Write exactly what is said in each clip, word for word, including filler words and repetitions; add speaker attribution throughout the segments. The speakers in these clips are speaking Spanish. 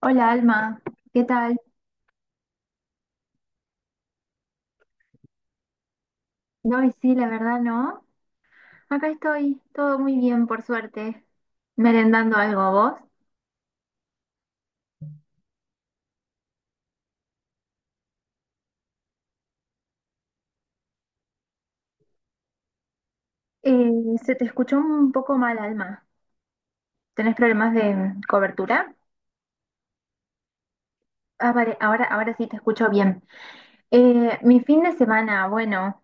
Speaker 1: Hola Alma, ¿qué tal? No, y sí, la verdad no. Acá estoy, todo muy bien, por suerte. Merendando algo, ¿vos? Eh, Se te escuchó un poco mal, Alma. ¿Tenés problemas de cobertura? Ah, vale, ahora, ahora sí te escucho bien. Eh, mi fin de semana, bueno,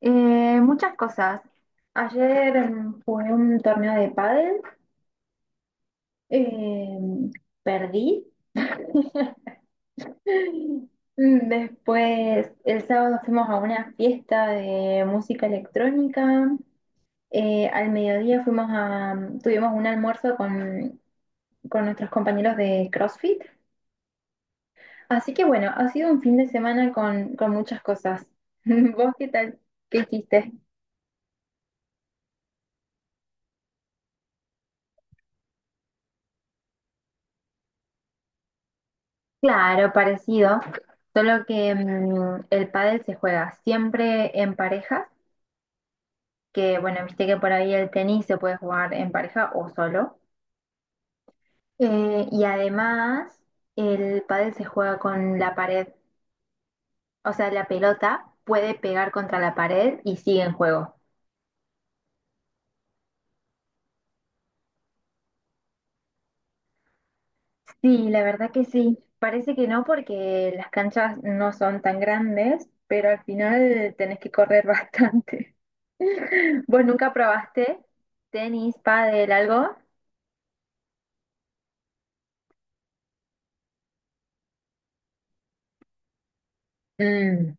Speaker 1: eh, muchas cosas. Ayer mm, jugué un torneo de pádel, eh, perdí. Mm, Después, el sábado fuimos a una fiesta de música electrónica. Eh, al mediodía fuimos a, tuvimos un almuerzo con, con nuestros compañeros de CrossFit. Así que bueno, ha sido un fin de semana con, con muchas cosas. ¿Vos qué tal? ¿Qué hiciste? Claro, parecido, solo que mm, el pádel se juega siempre en parejas, que bueno, viste que por ahí el tenis se puede jugar en pareja o solo. Eh, y además, el pádel se juega con la pared, o sea, la pelota puede pegar contra la pared y sigue en juego. Sí, la verdad que sí. Parece que no porque las canchas no son tan grandes, pero al final tenés que correr bastante. ¿Vos nunca probaste tenis, pádel, algo? Mm,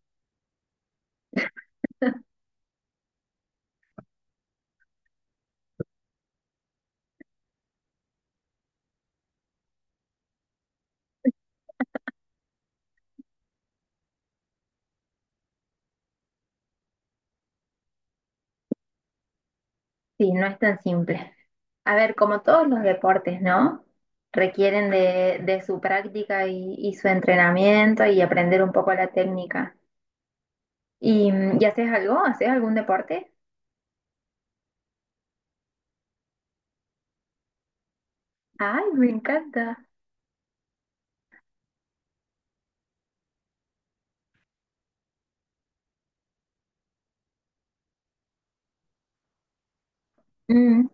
Speaker 1: sí, no es tan simple. A ver, como todos los deportes, ¿no? Requieren de, de su práctica y, y su entrenamiento y aprender un poco la técnica. ¿Y, mm, ¿y haces algo? ¿Haces algún deporte? ¡Ay, me encanta! Mm,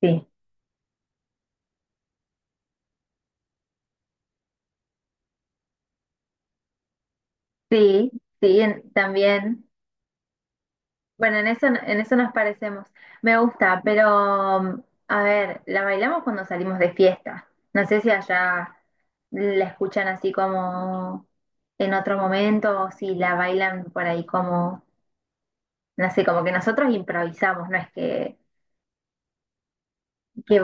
Speaker 1: sí, sí, sí, en- también. Bueno, en eso, en eso nos parecemos. Me gusta, pero mm, a ver, la bailamos cuando salimos de fiesta. No sé si allá la escuchan así como en otro momento o si la bailan por ahí como no sé, como que nosotros improvisamos, no es que, que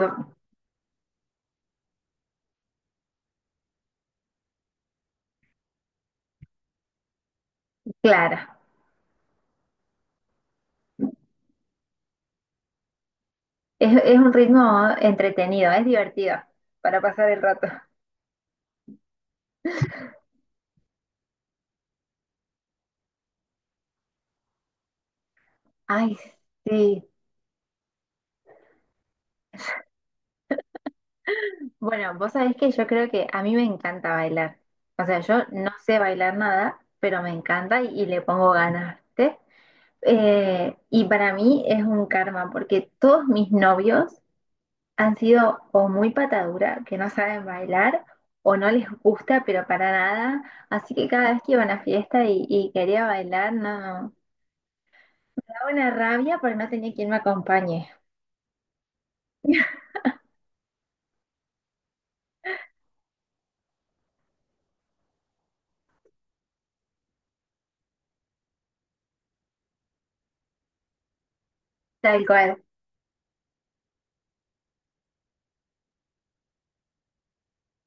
Speaker 1: claro, es, es un ritmo entretenido, es divertido para pasar el rato. Ay, sí. Bueno, vos sabés que yo creo que a mí me encanta bailar. O sea, yo no sé bailar nada, pero me encanta y, y le pongo ganas, ¿viste? Eh, y para mí es un karma, porque todos mis novios han sido o muy patadura, que no saben bailar, o no les gusta, pero para nada. Así que cada vez que iba a una fiesta y, y quería bailar, no. Daba una rabia porque no tenía quien me acompañe. Tal cual,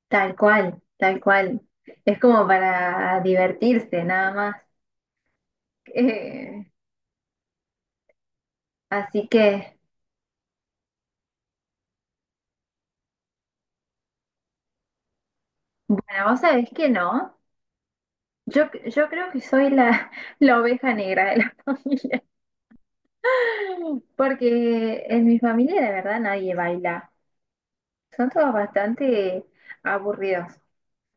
Speaker 1: tal cual, tal cual. Es como para divertirse, nada más. Eh, Así que, bueno, vos sabés que no. Yo, yo creo que soy la, la oveja negra de la familia, porque en mi familia de verdad nadie baila. Son todos bastante aburridos.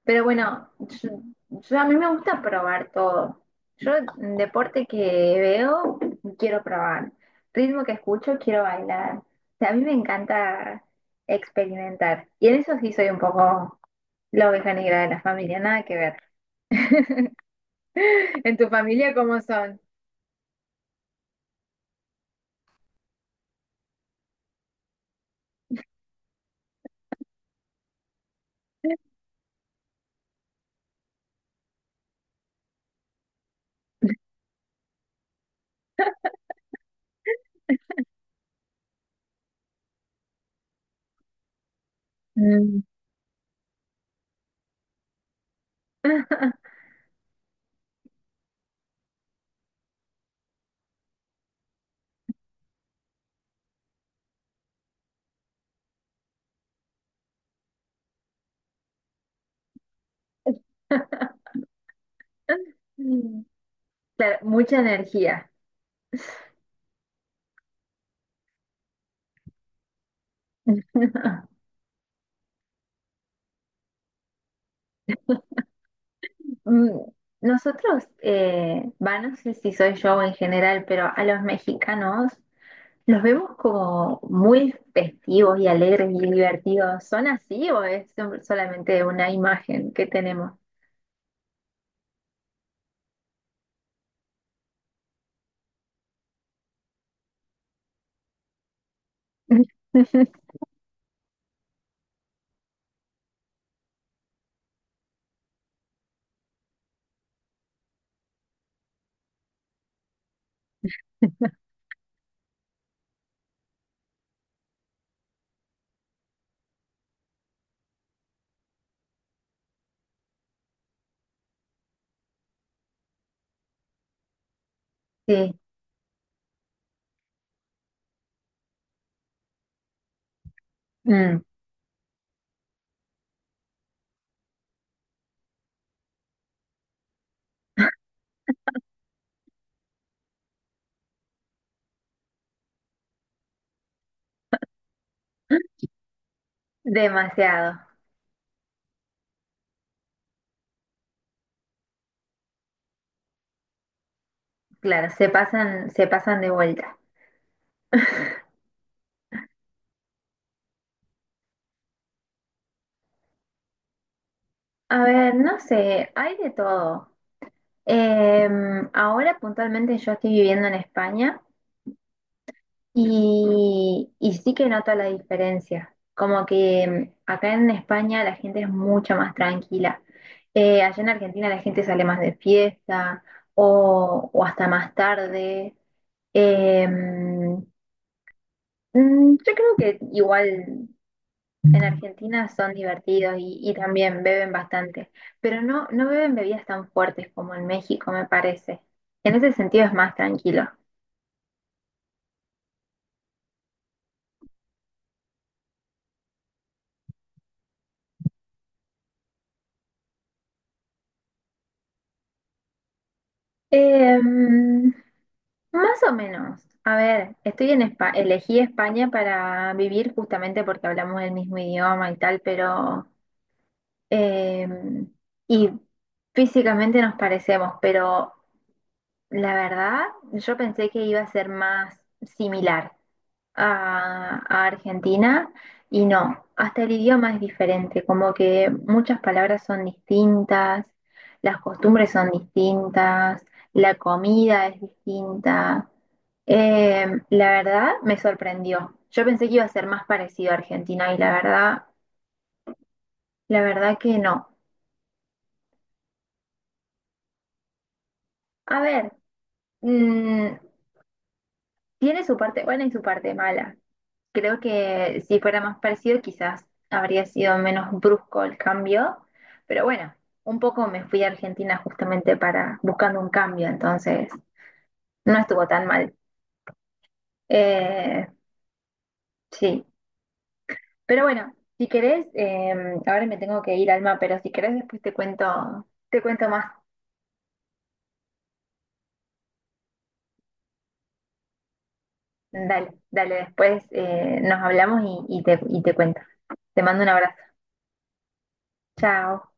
Speaker 1: Pero bueno, yo, yo- a mí me gusta probar todo. Yo, mm, deporte que veo, quiero probar. Ritmo que escucho, quiero bailar. O sea, a mí me encanta experimentar. Y en eso sí soy un poco la oveja negra de la familia, nada que ver. ¿En tu familia cómo son? Mm. Claro, mucha energía. Mm, nosotros, eh, va, no sé si soy yo o en general, pero a los mexicanos los vemos como muy festivos y alegres y divertidos. ¿Son así o es solamente una imagen que tenemos? Sí, mm, demasiado. Claro, se pasan, se pasan de vuelta. A ver, no sé, hay de todo. Em, ahora puntualmente yo estoy viviendo en España. Y, y sí que noto la diferencia, como que mm, acá en España la gente es mucho más tranquila. Eh, allá en Argentina la gente sale más de fiesta o, o hasta más tarde. Eh, mm, yo creo que igual en Argentina son divertidos y, y también beben bastante, pero no, no beben bebidas tan fuertes como en México, me parece. En ese sentido es más tranquilo. Em, Más o menos. A ver, estoy en España, elegí España para vivir justamente porque hablamos el mismo idioma y tal, pero eh, y físicamente nos parecemos, pero la verdad, yo pensé que iba a ser más similar a, a Argentina y no, hasta el idioma es diferente, como que muchas palabras son distintas, las costumbres son distintas, la comida es distinta. Eh, la verdad me sorprendió. Yo pensé que iba a ser más parecido a Argentina y la verdad, la verdad que no. A ver, mm, tiene su parte buena y su parte mala. Creo que si fuera más parecido, quizás habría sido menos brusco el cambio, pero bueno, un poco me fui a Argentina justamente para buscando un cambio, entonces no estuvo tan mal. Eh, sí, pero bueno, si querés, eh, ahora me tengo que ir, Alma, pero si querés después te cuento, te cuento más. Dale, dale, después eh, nos hablamos y, y te, y te cuento. Te mando un abrazo. Chao.